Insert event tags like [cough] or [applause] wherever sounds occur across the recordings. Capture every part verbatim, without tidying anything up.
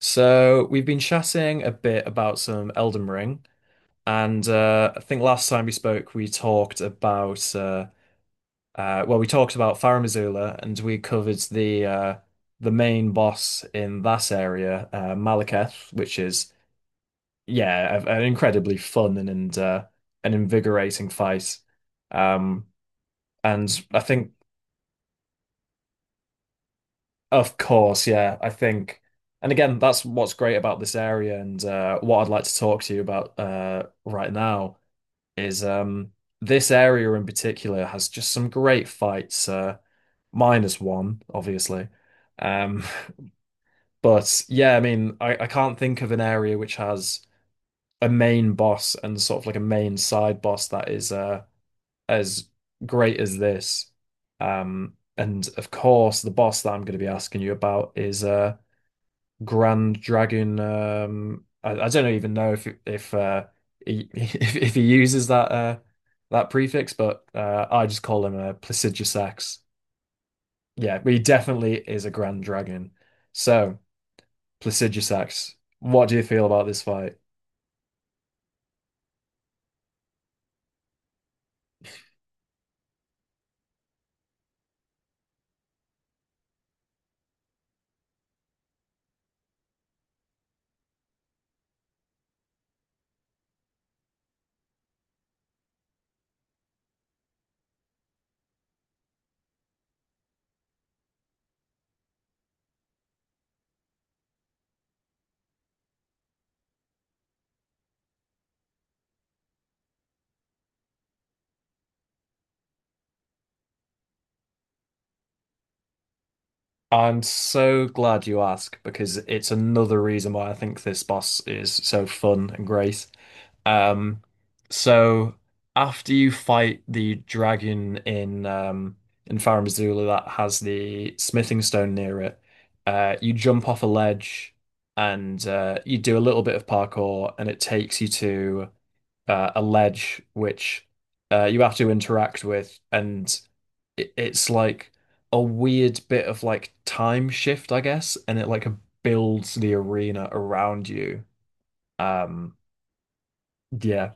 So we've been chatting a bit about some Elden Ring, and uh, I think last time we spoke, we talked about uh, uh, well, we talked about Farum Azula, and we covered the uh, the main boss in that area, uh, Malekith, which is yeah, a, an incredibly fun and and uh, an invigorating fight. Um, and I think, of course, yeah, I think. And again, that's what's great about this area and uh, what I'd like to talk to you about uh, right now is um this area in particular has just some great fights uh minus one obviously. um [laughs] but yeah, I mean, I, I can't think of an area which has a main boss and sort of like a main side boss that is uh as great as this. Um and of course the boss that I'm going to be asking you about is uh Grand Dragon. Um, I, I don't even know if if uh, he [laughs] if, if he uses that uh, that prefix, but uh, I just call him a Placidiosax. Yeah, but he definitely is a Grand Dragon. So Placidiosax, what do you feel about this fight? I'm so glad you asked because it's another reason why I think this boss is so fun and great. Um, so after you fight the dragon in um in Farum Azula that has the smithing stone near it, uh, you jump off a ledge and uh, you do a little bit of parkour and it takes you to uh, a ledge which uh, you have to interact with, and it, it's like a weird bit of like time shift, I guess, and it like builds the arena around you. Um, yeah,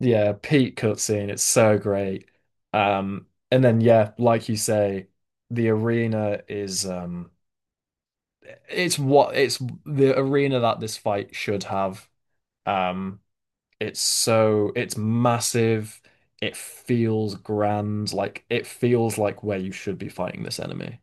yeah, peak cutscene. It's so great. Um, and then yeah, like you say, the arena is um, it's what it's the arena that this fight should have. Um, It's so it's massive. It feels grand. Like it feels like where you should be fighting this enemy.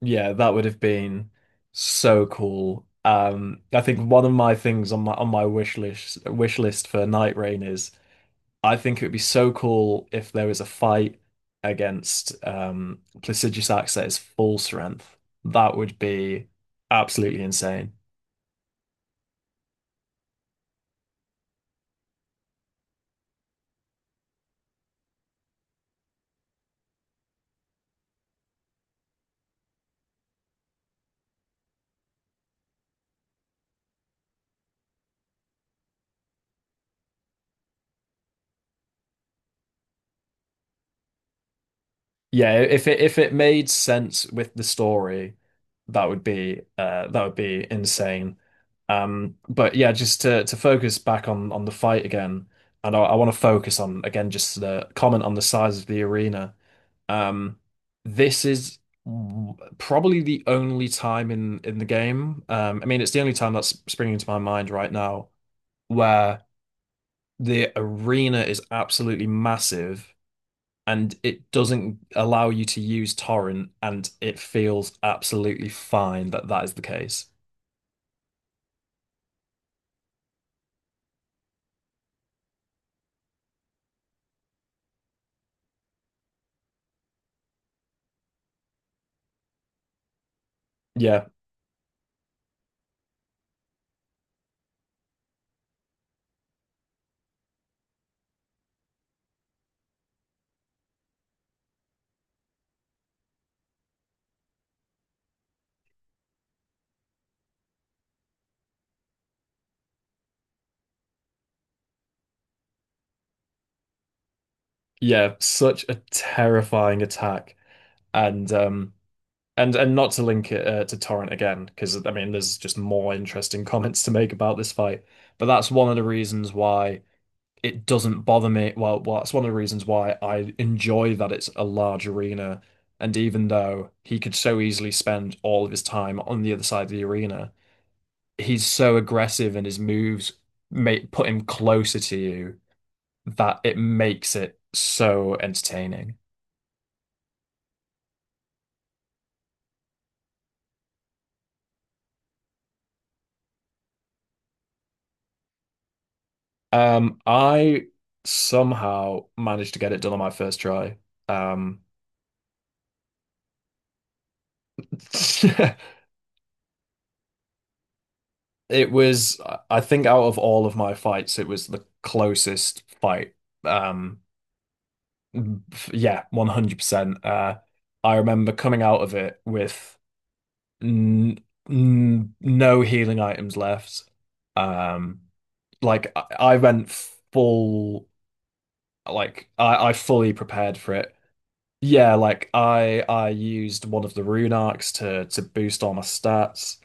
Yeah, that would have been so cool. Um, I think one of my things on my on my wish list wish list for Night Rain is I think it would be so cool if there was a fight against um Placiduous Axe at his full strength. That would be absolutely insane. Yeah, if it if it made sense with the story, that would be uh that would be insane. Um, but yeah, just to to focus back on on the fight again, and I, I want to focus on again just the comment on the size of the arena. Um, this is w- probably the only time in in the game. Um, I mean, it's the only time that's springing to my mind right now where the arena is absolutely massive and it doesn't allow you to use torrent, and it feels absolutely fine that that is the case. Yeah, yeah, such a terrifying attack, and um, and and not to link it uh, to torrent again, because I mean, there's just more interesting [laughs] comments to make about this fight, but that's one of the reasons why. It doesn't bother me. Well, well, that's one of the reasons why I enjoy that it's a large arena. And even though he could so easily spend all of his time on the other side of the arena, he's so aggressive and his moves make put him closer to you that it makes it so entertaining. Um, I somehow managed to get it done on my first try. Um, [laughs] it was, I think, out of all of my fights, it was the closest fight. Um, f- yeah, one hundred percent. Uh, I remember coming out of it with n n no healing items left. Um, Like I, I went full like I, I fully prepared for it. Yeah, like I I used one of the rune arcs to to boost all my stats.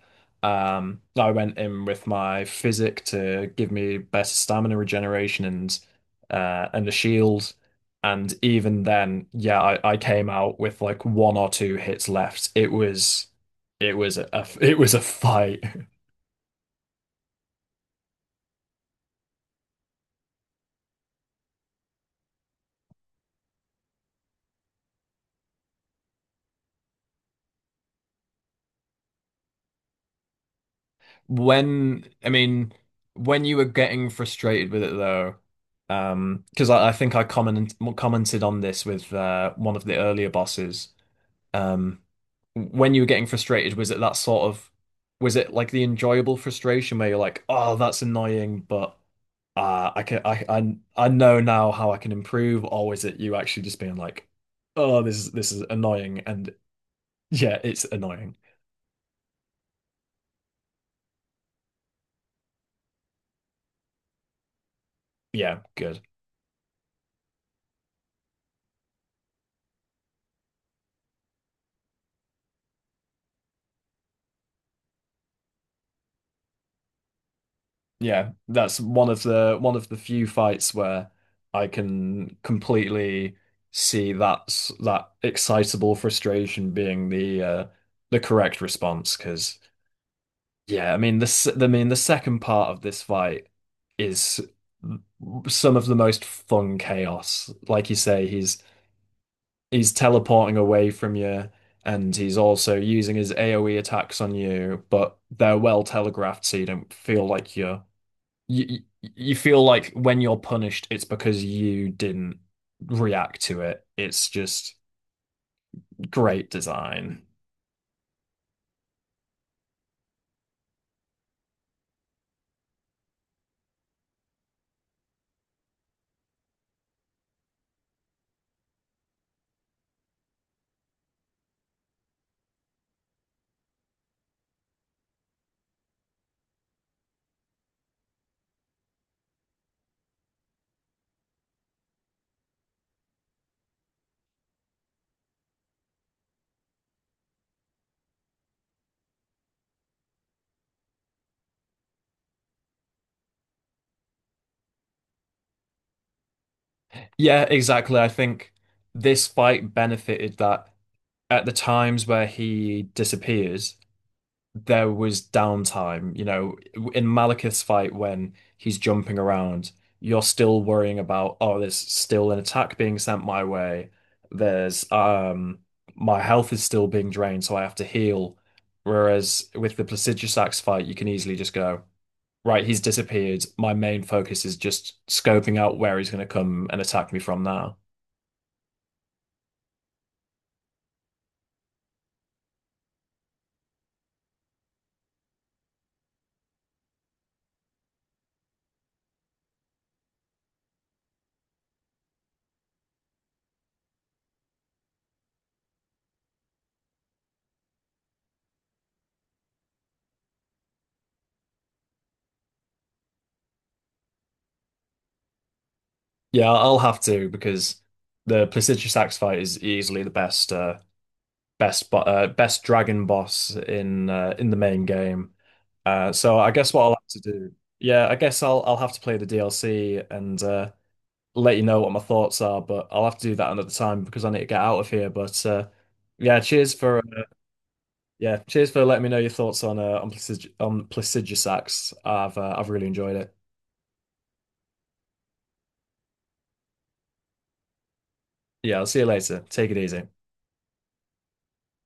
Um, I went in with my physic to give me better stamina regeneration and uh and a shield. And even then, yeah, I, I came out with like one or two hits left. It was it was a it was a fight. [laughs] When, I mean, when you were getting frustrated with it though, um, because I, I think I comment, commented on this with uh, one of the earlier bosses. Um, when you were getting frustrated, was it that sort of, was it like the enjoyable frustration where you're like, oh, that's annoying, but uh, I can, I, I, I know now how I can improve, or is it you actually just being like, oh, this is this is annoying, and yeah, it's annoying. Yeah, good. Yeah, that's one of the one of the few fights where I can completely see that's that excitable frustration being the uh, the correct response. Because yeah, I mean the s- I mean the second part of this fight is some of the most fun chaos. Like you say, he's he's teleporting away from you, and he's also using his AoE attacks on you, but they're well telegraphed, so you don't feel like you're you you feel like when you're punished, it's because you didn't react to it. It's just great design. Yeah, exactly. I think this fight benefited that at the times where he disappears, there was downtime. You know, in Malekith's fight when he's jumping around, you're still worrying about, oh, there's still an attack being sent my way. There's um my health is still being drained, so I have to heal. Whereas with the Placidus Axe fight, you can easily just go, right, he's disappeared. My main focus is just scoping out where he's going to come and attack me from now. Yeah, I'll have to because the Placidus Axe fight is easily the best uh, best bo uh, best dragon boss in uh, in the main game. Uh, so I guess what I'll have to do, yeah, I guess I'll I'll have to play the D L C and uh, let you know what my thoughts are. But I'll have to do that another time because I need to get out of here. But uh, yeah, cheers for uh, yeah, cheers for letting me know your thoughts on uh, on Plasig on Plagiarisax. I've uh, I've really enjoyed it. Yeah, I'll see you later. Take it easy.